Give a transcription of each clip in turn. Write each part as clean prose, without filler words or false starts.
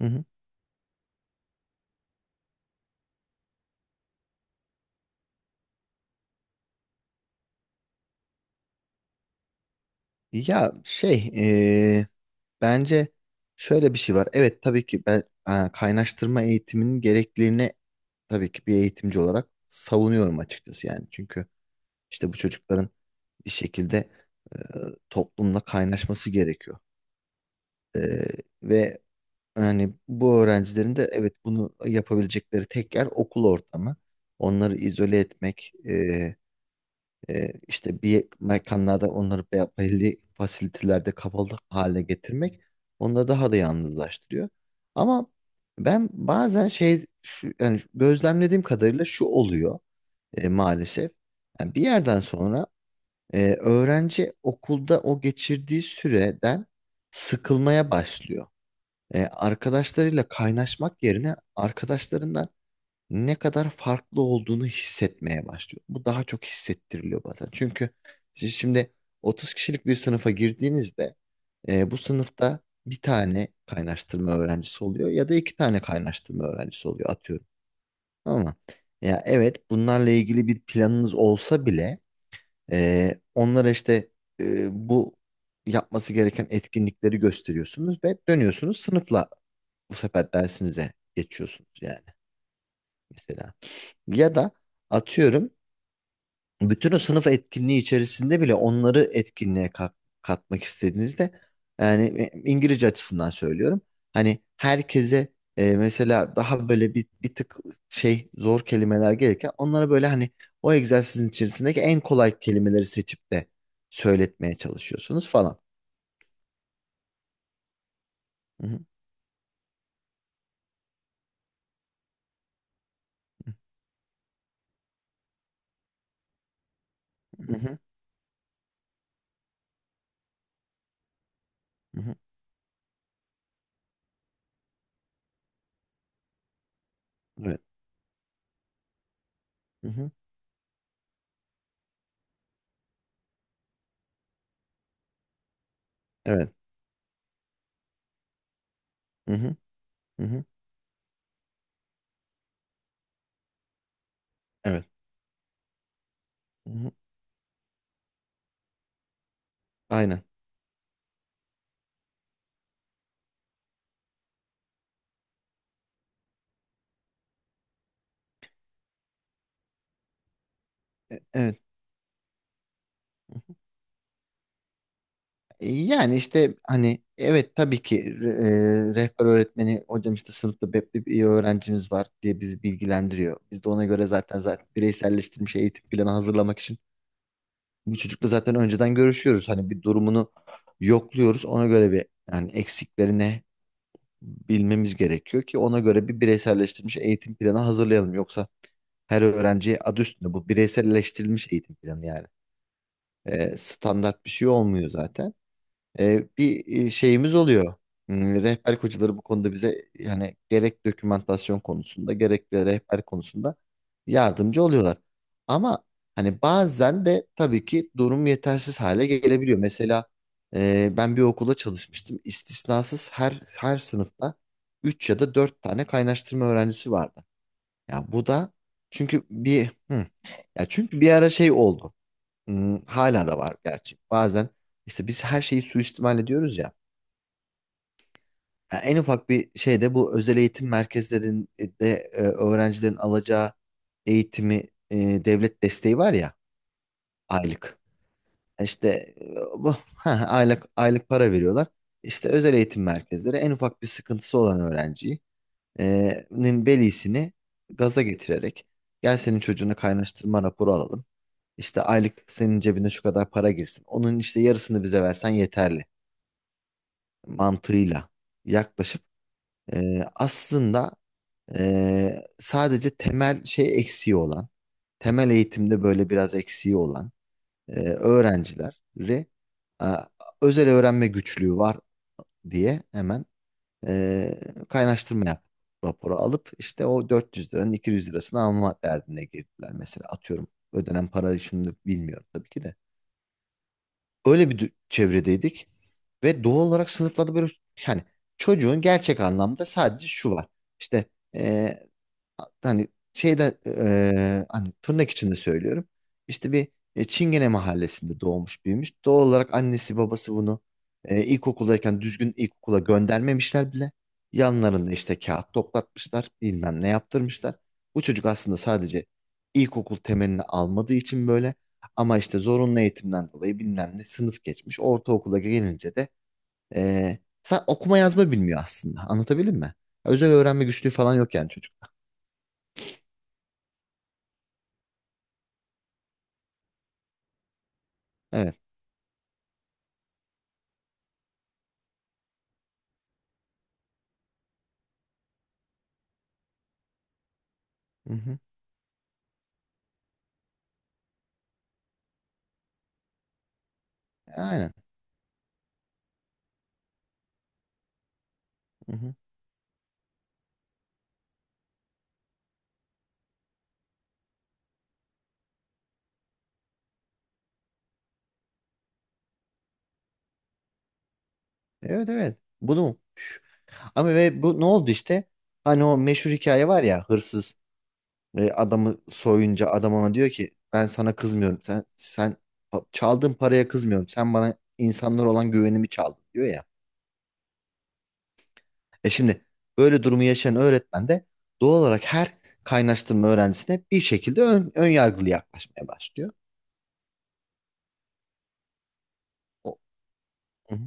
Hı hı. Ya şey eee, Bence şöyle bir şey var. Evet, tabii ki ben kaynaştırma eğitiminin gerekliliğini tabii ki bir eğitimci olarak savunuyorum açıkçası yani. Çünkü işte bu çocukların bir şekilde e, toplumla kaynaşması gerekiyor. E, Ve yani bu öğrencilerin de evet bunu yapabilecekleri tek yer okul ortamı. Onları izole etmek, işte bir mekanlarda onları belli fasilitelerde kapalı hale getirmek onları daha da yalnızlaştırıyor. Ama ben bazen yani gözlemlediğim kadarıyla şu oluyor, maalesef. Yani bir yerden sonra öğrenci okulda o geçirdiği süreden sıkılmaya başlıyor. Arkadaşlarıyla kaynaşmak yerine arkadaşlarından ne kadar farklı olduğunu hissetmeye başlıyor. Bu daha çok hissettiriliyor bazen. Çünkü siz şimdi 30 kişilik bir sınıfa girdiğinizde bu sınıfta bir tane kaynaştırma öğrencisi oluyor ya da iki tane kaynaştırma öğrencisi oluyor, atıyorum. Ama ya evet, bunlarla ilgili bir planınız olsa bile onlara işte bu yapması gereken etkinlikleri gösteriyorsunuz ve dönüyorsunuz, sınıfla bu sefer dersinize geçiyorsunuz yani, mesela. Ya da atıyorum, bütün o sınıf etkinliği içerisinde bile onları etkinliğe katmak istediğinizde yani, İngilizce açısından söylüyorum. Hani herkese mesela daha böyle bir tık zor kelimeler gelirken onlara böyle hani o egzersizin içerisindeki en kolay kelimeleri seçip de söyletmeye çalışıyorsunuz falan. Hı hı, hı hı, hı hı. Evet. Hı hı, evet. Hı hı, hı hı, evet. Hı hı, aynen. Evet. Yani işte hani evet, tabii ki rehber öğretmeni hocam işte sınıfta BEP'li bir öğrencimiz var diye bizi bilgilendiriyor. Biz de ona göre zaten bireyselleştirilmiş eğitim planı hazırlamak için bu çocukla zaten önceden görüşüyoruz. Hani bir durumunu yokluyoruz. Ona göre bir, yani eksiklerini bilmemiz gerekiyor ki ona göre bir bireyselleştirilmiş eğitim planı hazırlayalım. Yoksa her öğrenciye adı üstünde bu bireyselleştirilmiş eğitim planı yani. Standart bir şey olmuyor zaten. Bir şeyimiz oluyor. Rehber kocaları bu konuda bize yani gerek dokümantasyon konusunda gerek de rehber konusunda yardımcı oluyorlar. Ama hani bazen de tabii ki durum yetersiz hale gelebiliyor. Mesela ben bir okula çalışmıştım. İstisnasız her sınıfta 3 ya da 4 tane kaynaştırma öğrencisi vardı. Ya bu da çünkü bir hı, ya çünkü bir ara şey oldu. Hala da var gerçi. Bazen işte biz her şeyi suistimal ediyoruz ya. Yani en ufak bir şeyde bu özel eğitim merkezlerinde öğrencilerin alacağı eğitimi, e, devlet desteği var ya, aylık. İşte e, bu aylık aylık para veriyorlar. İşte özel eğitim merkezleri en ufak bir sıkıntısı olan öğrenciyi nin velisini gaza getirerek, gel senin çocuğuna kaynaştırma raporu alalım. İşte aylık senin cebine şu kadar para girsin. Onun işte yarısını bize versen yeterli mantığıyla yaklaşıp aslında sadece temel eksiği olan, temel eğitimde böyle biraz eksiği olan öğrencileri e, özel öğrenme güçlüğü var diye hemen e, kaynaştırma yap raporu alıp işte o 400 liranın 200 lirasını alma derdine girdiler, mesela, atıyorum. Ödenen parayı şimdi bilmiyorum tabii ki de. Öyle bir çevredeydik ve doğal olarak sınıflarda böyle, yani çocuğun gerçek anlamda sadece şu var. İşte hani hani tırnak içinde söylüyorum. İşte bir Çingene mahallesinde doğmuş büyümüş. Doğal olarak annesi babası bunu ilkokuldayken düzgün ilkokula göndermemişler bile. Yanlarında işte kağıt toplatmışlar, bilmem ne yaptırmışlar. Bu çocuk aslında sadece ilkokul temelini almadığı için böyle, ama işte zorunlu eğitimden dolayı bilmem ne sınıf geçmiş. Ortaokula gelince de e, okuma yazma bilmiyor aslında. Anlatabildim mi? Özel öğrenme güçlüğü falan yok yani çocukta. Evet. Hı hı. Aynen. Hı hı. Evet, evet. Bunu, ama ve bu ne oldu işte? Hani o meşhur hikaye var ya, hırsız adamı soyunca adam ona diyor ki ben sana kızmıyorum. Sen çaldığın paraya kızmıyorum. Sen bana insanlar olan güvenimi çaldın diyor ya. Şimdi böyle durumu yaşayan öğretmen de doğal olarak her kaynaştırma öğrencisine bir şekilde ön yargılı yaklaşmaya başlıyor. O, hı hı,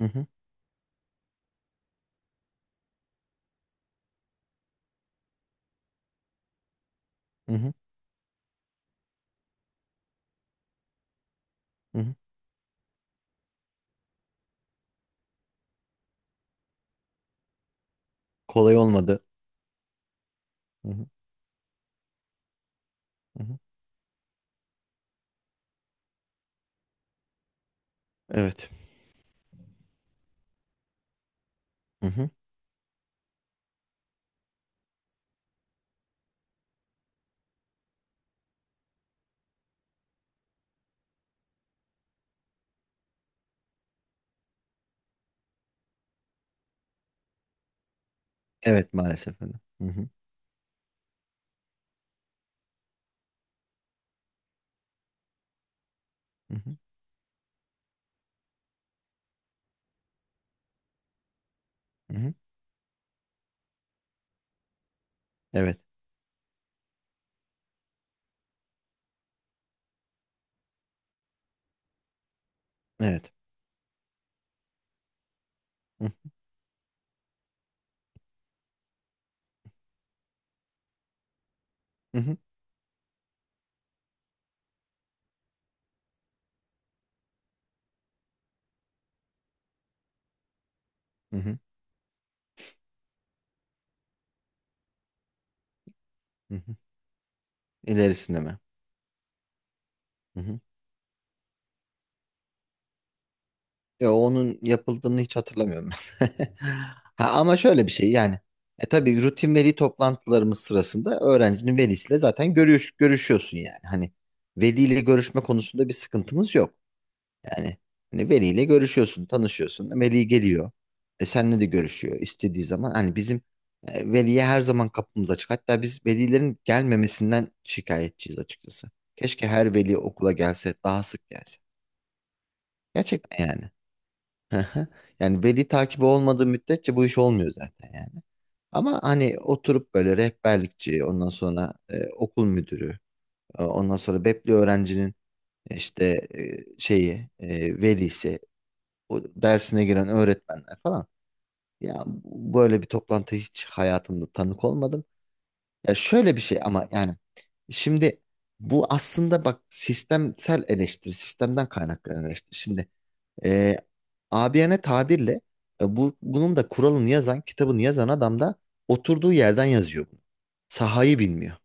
hı hı, hı hı. Hı hı. Kolay olmadı. Hı hı, hı. Hı. Evet. Hı hı. Evet, maalesef öyle. Hı hı, hı hı, hı hı. Evet. Evet. Hı hı, hı hı, hı hı. İlerisinde mi? Hı hı. Ya onun yapıldığını hiç hatırlamıyorum ben. Ha, Ama şöyle bir şey yani. Tabii rutin veli toplantılarımız sırasında öğrencinin velisiyle zaten görüşüyorsun yani. Hani veliyle görüşme konusunda bir sıkıntımız yok. Yani hani veliyle görüşüyorsun, tanışıyorsun. Veli geliyor. Seninle de görüşüyor istediği zaman. Hani bizim veliye her zaman kapımız açık. Hatta biz velilerin gelmemesinden şikayetçiyiz açıkçası. Keşke her veli okula gelse, daha sık gelse. Gerçekten yani. Yani veli takibi olmadığı müddetçe bu iş olmuyor zaten yani. Ama hani oturup böyle rehberlikçi, ondan sonra okul müdürü, ondan sonra Bepli öğrencinin işte velisi, o dersine giren öğretmenler falan. Ya böyle bir toplantı hiç hayatımda tanık olmadım. Ya şöyle bir şey ama yani şimdi bu aslında bak sistemsel eleştiri, sistemden kaynaklanan eleştiri. Şimdi e, abiyane tabirle bu bunun da kuralını yazan, kitabını yazan adam da oturduğu yerden yazıyor bunu. Sahayı bilmiyor.